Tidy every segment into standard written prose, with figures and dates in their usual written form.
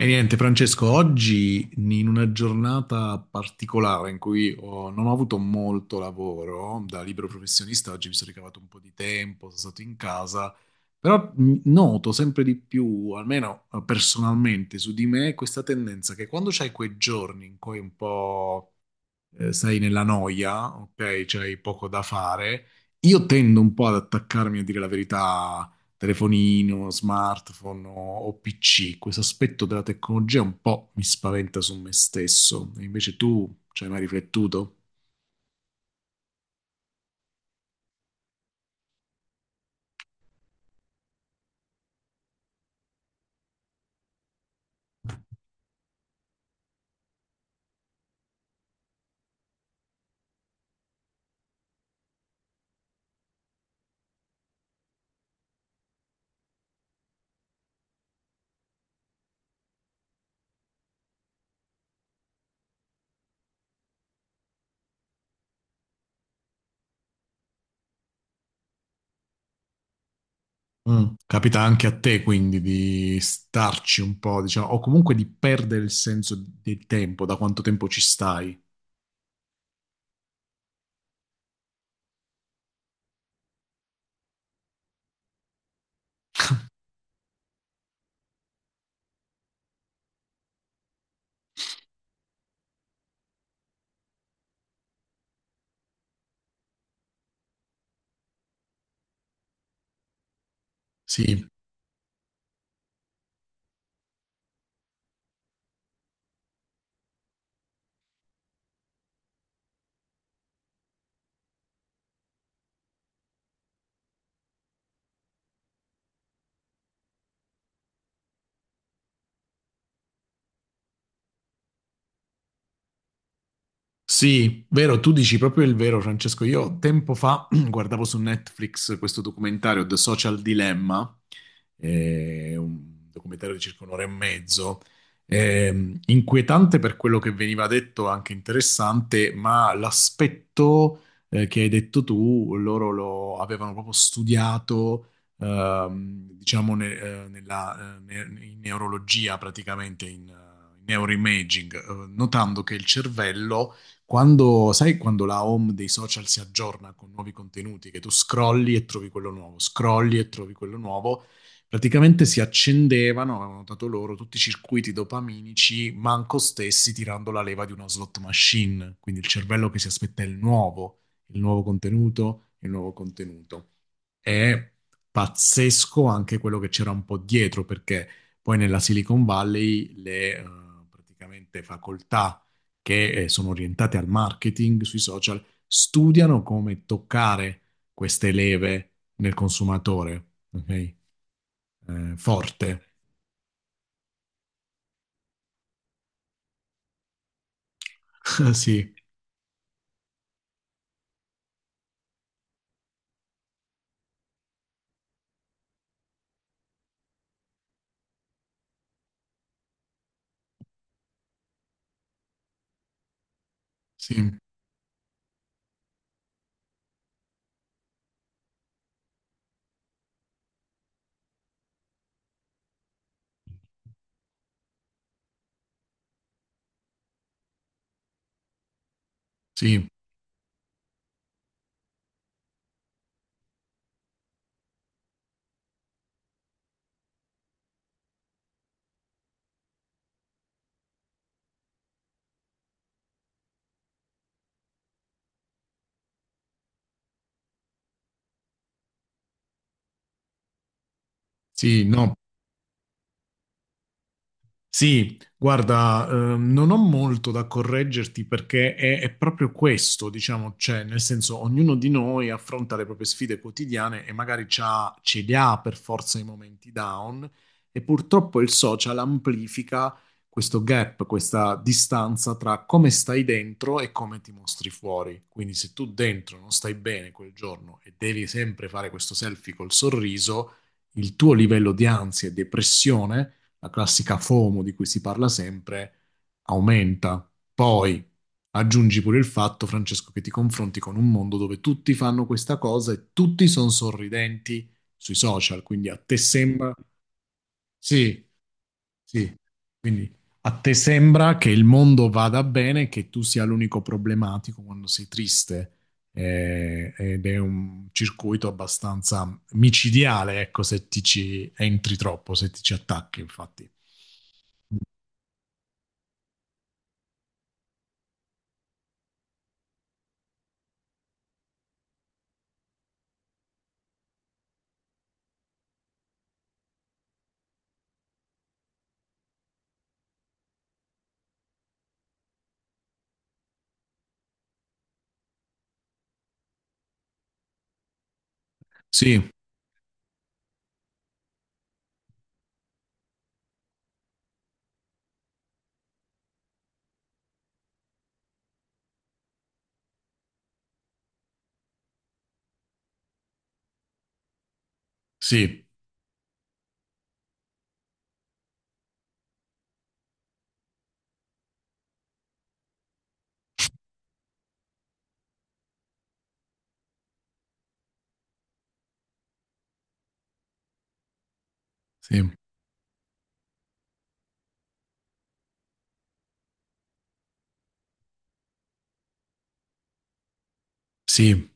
E niente, Francesco, oggi in una giornata particolare in cui non ho avuto molto lavoro da libero professionista. Oggi mi sono ricavato un po' di tempo, sono stato in casa, però noto sempre di più, almeno personalmente su di me, questa tendenza che quando c'hai quei giorni in cui un po' sei nella noia, ok, c'hai poco da fare, io tendo un po' ad attaccarmi, a dire la verità, telefonino, smartphone o PC. Questo aspetto della tecnologia un po' mi spaventa su me stesso. E invece tu ci hai mai riflettuto? Mm. Capita anche a te quindi di starci un po', diciamo, o comunque di perdere il senso del tempo, da quanto tempo ci stai? Sì. Sì, vero, tu dici proprio il vero, Francesco. Io tempo fa guardavo su Netflix questo documentario The Social Dilemma, un documentario di circa un'ora e mezzo, inquietante per quello che veniva detto, anche interessante, ma l'aspetto che hai detto tu, loro lo avevano proprio studiato, diciamo, in neurologia praticamente, in neuroimaging, notando che il cervello, sai, quando la home dei social si aggiorna con nuovi contenuti, che tu scrolli e trovi quello nuovo, scrolli e trovi quello nuovo, praticamente si accendevano, avevano notato loro, tutti i circuiti dopaminici, manco stessi tirando la leva di una slot machine. Quindi il cervello che si aspetta il nuovo contenuto, il nuovo contenuto. È pazzesco anche quello che c'era un po' dietro, perché poi nella Silicon Valley le praticamente facoltà che sono orientate al marketing sui social studiano come toccare queste leve nel consumatore, ok? Forte. Sì, sì, sì, sì, no, sì, guarda, non ho molto da correggerti, perché è proprio questo, diciamo, cioè, nel senso, ognuno di noi affronta le proprie sfide quotidiane e magari ce li ha per forza i momenti down, e purtroppo il social amplifica questo gap, questa distanza tra come stai dentro e come ti mostri fuori. Quindi se tu dentro non stai bene quel giorno e devi sempre fare questo selfie col sorriso, il tuo livello di ansia e depressione, la classica FOMO di cui si parla sempre, aumenta. Poi aggiungi pure il fatto, Francesco, che ti confronti con un mondo dove tutti fanno questa cosa e tutti sono sorridenti sui social, quindi a te sembra. Sì, sì, quindi a te sembra che il mondo vada bene e che tu sia l'unico problematico quando sei triste. Ed è un circuito abbastanza micidiale, ecco, se ti ci entri troppo, se ti ci attacchi, infatti. Sì, sì, sì, sì,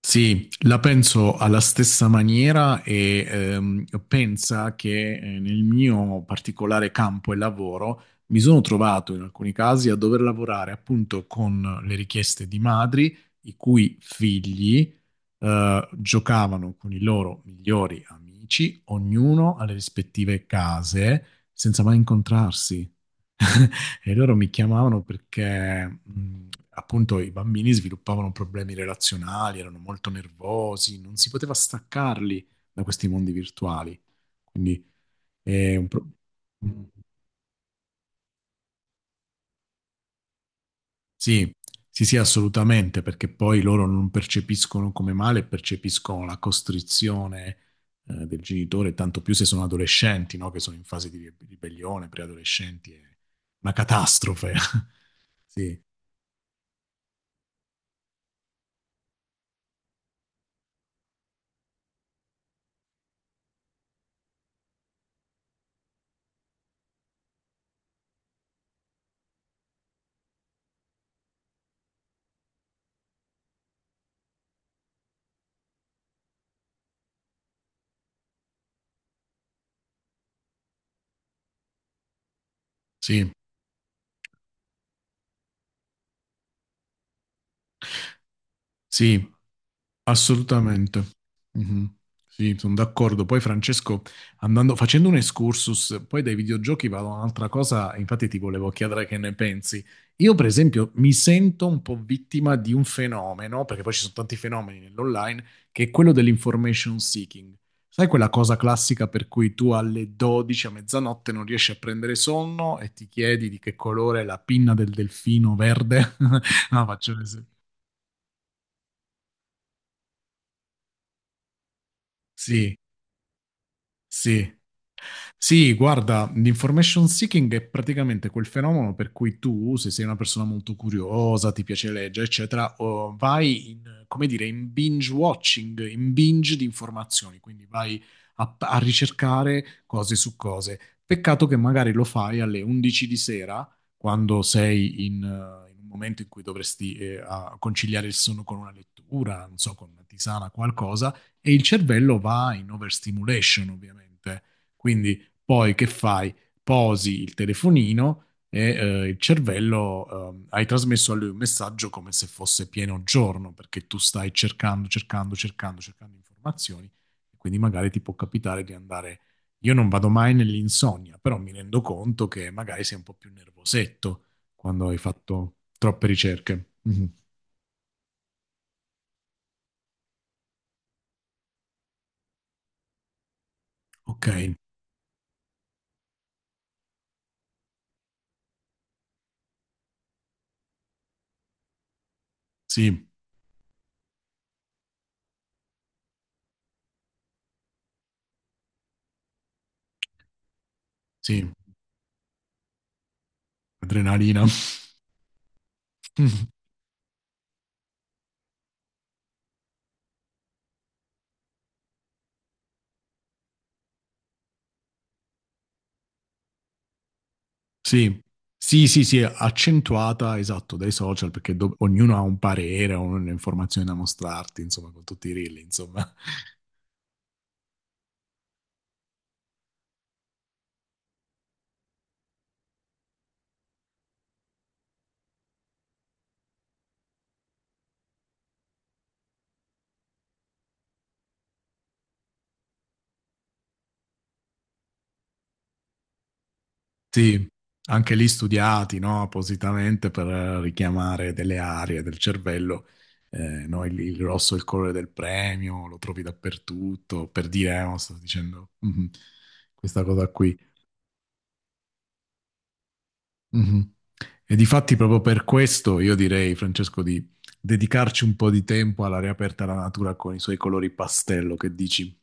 sì, la penso alla stessa maniera, e pensa che nel mio particolare campo e lavoro mi sono trovato in alcuni casi a dover lavorare appunto con le richieste di madri i cui figli giocavano con i loro migliori amici, ognuno alle rispettive case, senza mai incontrarsi. E loro mi chiamavano perché appunto i bambini sviluppavano problemi relazionali, erano molto nervosi, non si poteva staccarli da questi mondi virtuali. Quindi è un. Mm. Sì, sì, sì, assolutamente, perché poi loro non percepiscono come male, percepiscono la costrizione del genitore, tanto più se sono adolescenti, no? Che sono in fase di ribellione, preadolescenti, è una catastrofe. Sì, sì, sì. Assolutamente. Mhm. Sì, sono d'accordo. Poi Francesco, facendo un excursus, poi dai videogiochi vado a un'altra cosa, infatti ti volevo chiedere che ne pensi. Io, per esempio, mi sento un po' vittima di un fenomeno, perché poi ci sono tanti fenomeni nell'online, che è quello dell'information seeking. Sai quella cosa classica per cui tu alle 12 a mezzanotte non riesci a prendere sonno e ti chiedi di che colore è la pinna del delfino verde? No, faccio un esempio. Sì. Sì. Sì, guarda, l'information seeking è praticamente quel fenomeno per cui tu, se sei una persona molto curiosa, ti piace leggere, eccetera, o vai in, come dire, in binge watching, in binge di informazioni, quindi vai a ricercare cose su cose. Peccato che magari lo fai alle 11 di sera, quando sei in un momento in cui dovresti conciliare il sonno con una lettura, non so, con una tisana, qualcosa, e il cervello va in overstimulation ovviamente. Quindi poi che fai? Posi il telefonino e il cervello, hai trasmesso a lui un messaggio come se fosse pieno giorno, perché tu stai cercando, cercando, cercando, cercando informazioni, e quindi magari ti può capitare di andare. Io non vado mai nell'insonnia, però mi rendo conto che magari sei un po' più nervosetto quando hai fatto troppe ricerche. Mm. Ok, sì, sì, adrenalina. Mhm. Sì. Sì, sì, sì, accentuata, esatto, dai social, perché ognuno ha un parere, o un'informazione da mostrarti, insomma, con tutti i reel, insomma. Sì, anche lì studiati, no, appositamente per richiamare delle aree del cervello. No, il rosso è il colore del premio, lo trovi dappertutto, per dire, no, sto dicendo, questa cosa qui. Mhm. E difatti proprio per questo io direi, Francesco, di dedicarci un po' di tempo alla riaperta alla natura con i suoi colori pastello, che dici?